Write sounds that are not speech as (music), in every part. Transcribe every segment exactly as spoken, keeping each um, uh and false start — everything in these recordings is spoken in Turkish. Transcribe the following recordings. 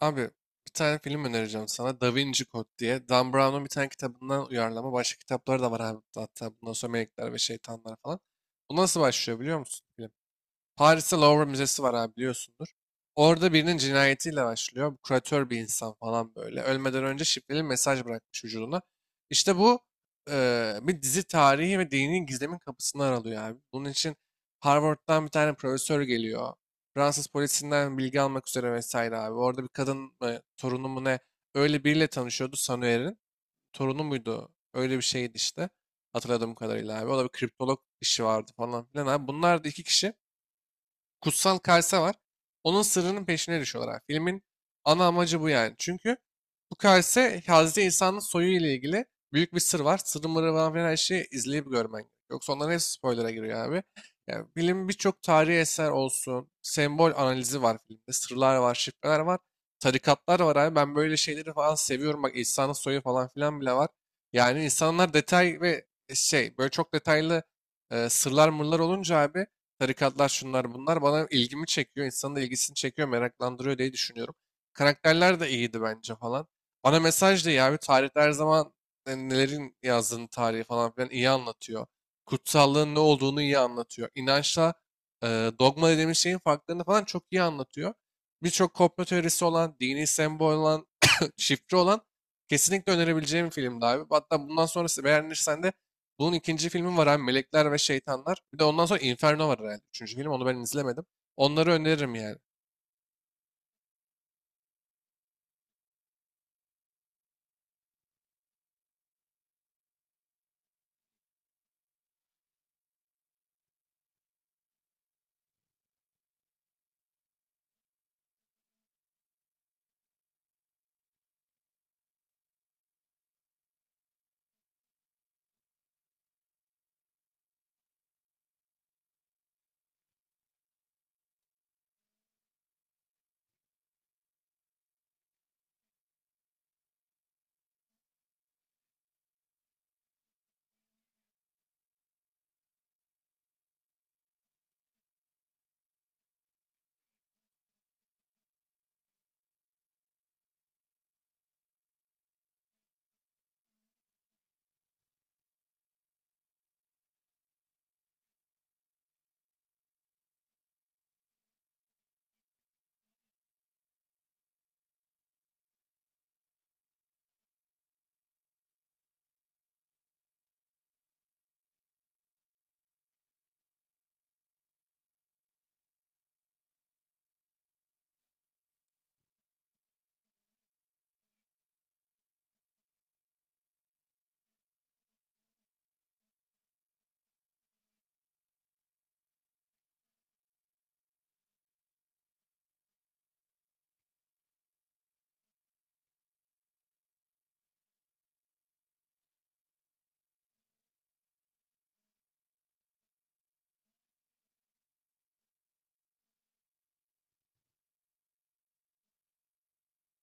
Abi bir tane film önereceğim sana. Da Vinci Code diye. Dan Brown'un bir tane kitabından uyarlama. Başka kitapları da var abi. Hatta bundan sonra Melekler ve Şeytanlar falan. Bu nasıl başlıyor biliyor musun? Paris'te Louvre Müzesi var abi biliyorsundur. Orada birinin cinayetiyle başlıyor. Bu Kuratör bir insan falan böyle. Ölmeden önce şifreli mesaj bırakmış vücuduna. İşte bu eee, bir dizi tarihi ve dini gizlemin kapısını aralıyor abi. Bunun için Harvard'dan bir tane profesör geliyor. Fransız polisinden bilgi almak üzere vesaire abi. Orada bir kadın mı, torunu mu ne öyle biriyle tanışıyordu Sanuer'in. Torunu muydu? Öyle bir şeydi işte. Hatırladığım kadarıyla abi. O da bir kriptolog işi vardı falan filan abi. Bunlar da iki kişi kutsal kase var. Onun sırrının peşine düşüyorlar. abi. Filmin ana amacı bu yani. Çünkü bu kase Hazreti İsa'nın soyu ile ilgili büyük bir sır var. Sırrı mırrı falan her şeyi izleyip görmen. Yoksa onların hepsi spoiler'a giriyor abi. Yani film birçok tarihi eser olsun. Sembol analizi var filmde. Sırlar var, şifreler var. Tarikatlar var abi. Ben böyle şeyleri falan seviyorum. Bak İsa'nın soyu falan filan bile var. Yani insanlar detay ve şey böyle çok detaylı e, sırlar mırlar olunca abi tarikatlar şunlar bunlar bana ilgimi çekiyor. İnsanın da ilgisini çekiyor, meraklandırıyor diye düşünüyorum. Karakterler de iyiydi bence falan. Bana mesaj da iyi abi. Tarihte her zaman e, nelerin yazdığını tarihi falan filan iyi anlatıyor. Kutsallığın ne olduğunu iyi anlatıyor. İnançla e, dogma dediğimiz şeyin farklarını falan çok iyi anlatıyor. Birçok komplo teorisi olan, dini sembol olan, (coughs) (clears throat) şifre olan kesinlikle önerebileceğim bir filmdi abi. Hatta bundan sonrası beğenirsen de bunun ikinci filmi var abi Melekler ve Şeytanlar. Bir de ondan sonra Inferno var herhalde. Üçüncü film onu ben izlemedim. Onları öneririm yani.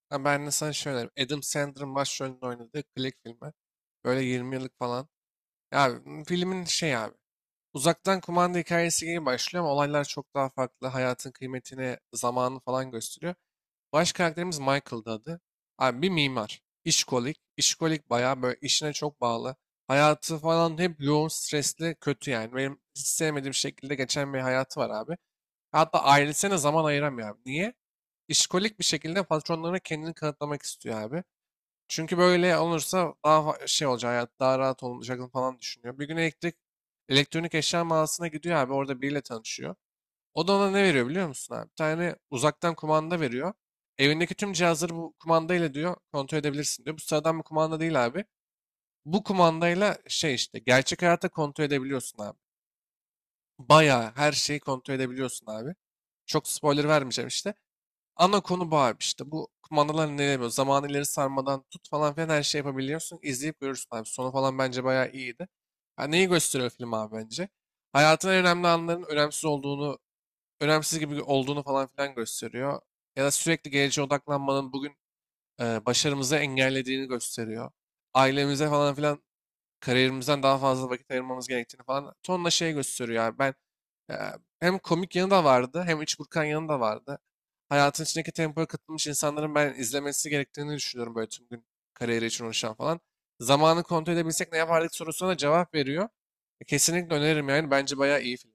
Ha, ben de sana şey öneririm. Adam Sandler'ın başrolünde oynadığı Click filmi. Böyle yirmi yıllık falan. Ya m, filmin şey abi. Uzaktan kumanda hikayesi gibi başlıyor ama olaylar çok daha farklı. Hayatın kıymetini, zamanı falan gösteriyor. Baş karakterimiz Michael'dı adı. Abi bir mimar. İşkolik. İşkolik bayağı böyle işine çok bağlı. Hayatı falan hep yoğun, stresli, kötü yani. Benim hiç sevmediğim şekilde geçen bir hayatı var abi. Hatta ailesine zaman ayıramıyor abi. Niye? İşkolik bir şekilde patronlarına kendini kanıtlamak istiyor abi. Çünkü böyle olursa daha fa- şey olacak, hayat daha rahat olacak falan düşünüyor. Bir gün elektrik, elektronik eşya mağazasına gidiyor abi. Orada biriyle tanışıyor. O da ona ne veriyor biliyor musun abi? Bir tane uzaktan kumanda veriyor. Evindeki tüm cihazları bu kumandayla diyor kontrol edebilirsin diyor. Bu sıradan bir kumanda değil abi. Bu kumandayla şey işte gerçek hayata kontrol edebiliyorsun abi. Bayağı her şeyi kontrol edebiliyorsun abi. Çok spoiler vermeyeceğim işte. Ana konu bu abi işte. Bu kumandalar ne demiyor? Zamanı ileri sarmadan tut falan filan her şey yapabiliyorsun. İzleyip görürsün abi. Sonu falan bence bayağı iyiydi. Ha, neyi gösteriyor film abi bence? Hayatın en önemli anların önemsiz olduğunu önemsiz gibi olduğunu falan filan gösteriyor. Ya da sürekli geleceğe odaklanmanın bugün e, başarımızı engellediğini gösteriyor. Ailemize falan filan kariyerimizden daha fazla vakit ayırmamız gerektiğini falan tonla şey gösteriyor. Yani ben e, hem komik yanı da vardı hem iç burkan yanı da vardı. Hayatın içindeki tempoya katılmış insanların ben izlemesi gerektiğini düşünüyorum böyle tüm gün kariyeri için uğraşan falan. Zamanı kontrol edebilsek ne yapardık sorusuna cevap veriyor. E, Kesinlikle öneririm yani. Bence bayağı iyi film.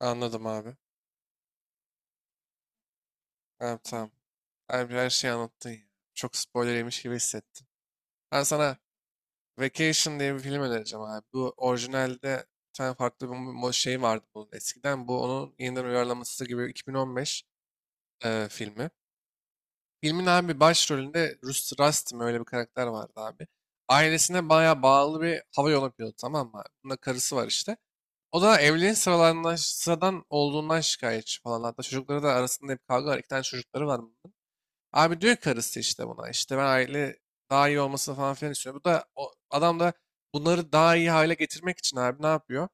Anladım abi. Evet, tamam. Abi her şeyi anlattın ya. Çok spoiler yemiş gibi hissettim. Ben sana Vacation diye bir film önereceğim abi. Bu orijinalde bir tane farklı bir mo- şey vardı bunun eskiden. Bu onun yeniden uyarlaması gibi iki bin on beş e, filmi. Filmin abi başrolünde Rus Rastim öyle bir karakter vardı abi. Ailesine bayağı bağlı bir hava yolu pilotu tamam mı abi? Bunda karısı var işte. O da evliliğin sıralarından, sıradan olduğundan şikayetçi falan. Hatta çocukları da arasında hep kavga var. İki tane çocukları var bunun. Abi diyor karısı işte buna işte ben aile daha iyi olmasını falan filan istiyorum. Bu da o, adam da bunları daha iyi hale getirmek için abi ne yapıyor?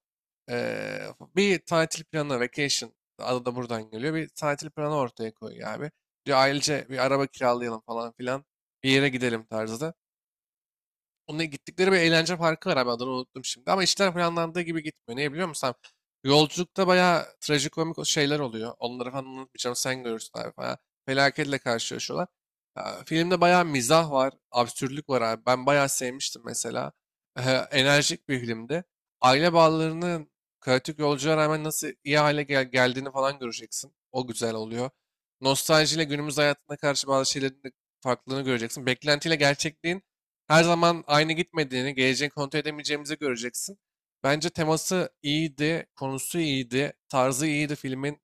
Ee, bir tatil planı, vacation adı da buradan geliyor. Bir tatil planı ortaya koyuyor abi. Diyor ailece bir araba kiralayalım falan filan bir yere gidelim tarzda. Onunla gittikleri bir eğlence parkı var abi adını unuttum şimdi. Ama işler planlandığı gibi gitmiyor. Niye biliyor musun? abi? Yolculukta bayağı trajikomik şeyler oluyor. Onları falan unutmayacağım sen görürsün abi. Bayağı felaketle karşılaşıyorlar. Ya, filmde bayağı mizah var, absürtlük var abi. Ben bayağı sevmiştim mesela. Ehe, enerjik bir filmdi. Aile bağlarının kaotik yolculuğa rağmen nasıl iyi hale gel geldiğini falan göreceksin. O güzel oluyor. Nostaljiyle günümüz hayatına karşı bazı şeylerin de farklılığını göreceksin. Beklentiyle gerçekliğin her zaman aynı gitmediğini, geleceğini kontrol edemeyeceğimizi göreceksin. Bence teması iyiydi, konusu iyiydi, tarzı iyiydi filmin.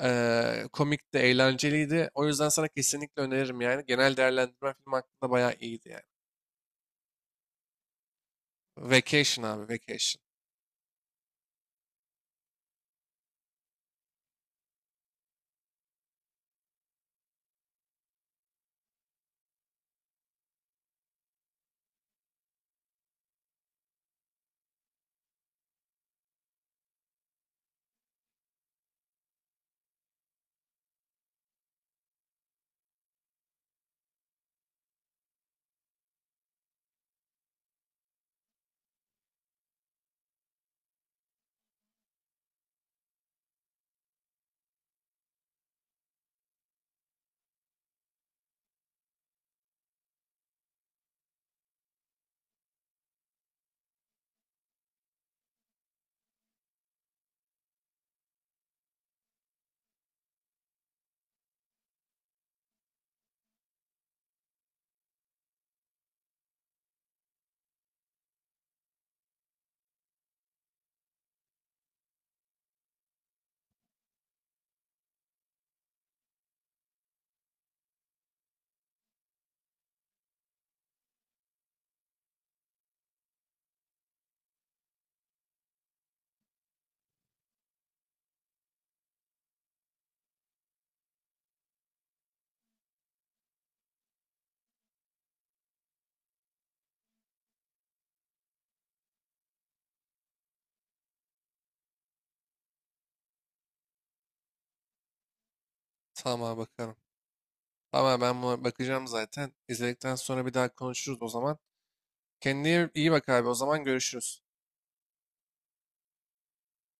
Eee komikti, eğlenceliydi. O yüzden sana kesinlikle öneririm yani. Genel değerlendirme film hakkında bayağı iyiydi yani. Vacation abi, Vacation. Tamam abi, bakarım. Tamam ben buna bakacağım zaten. İzledikten sonra bir daha konuşuruz o zaman. Kendine iyi bak abi. O zaman görüşürüz.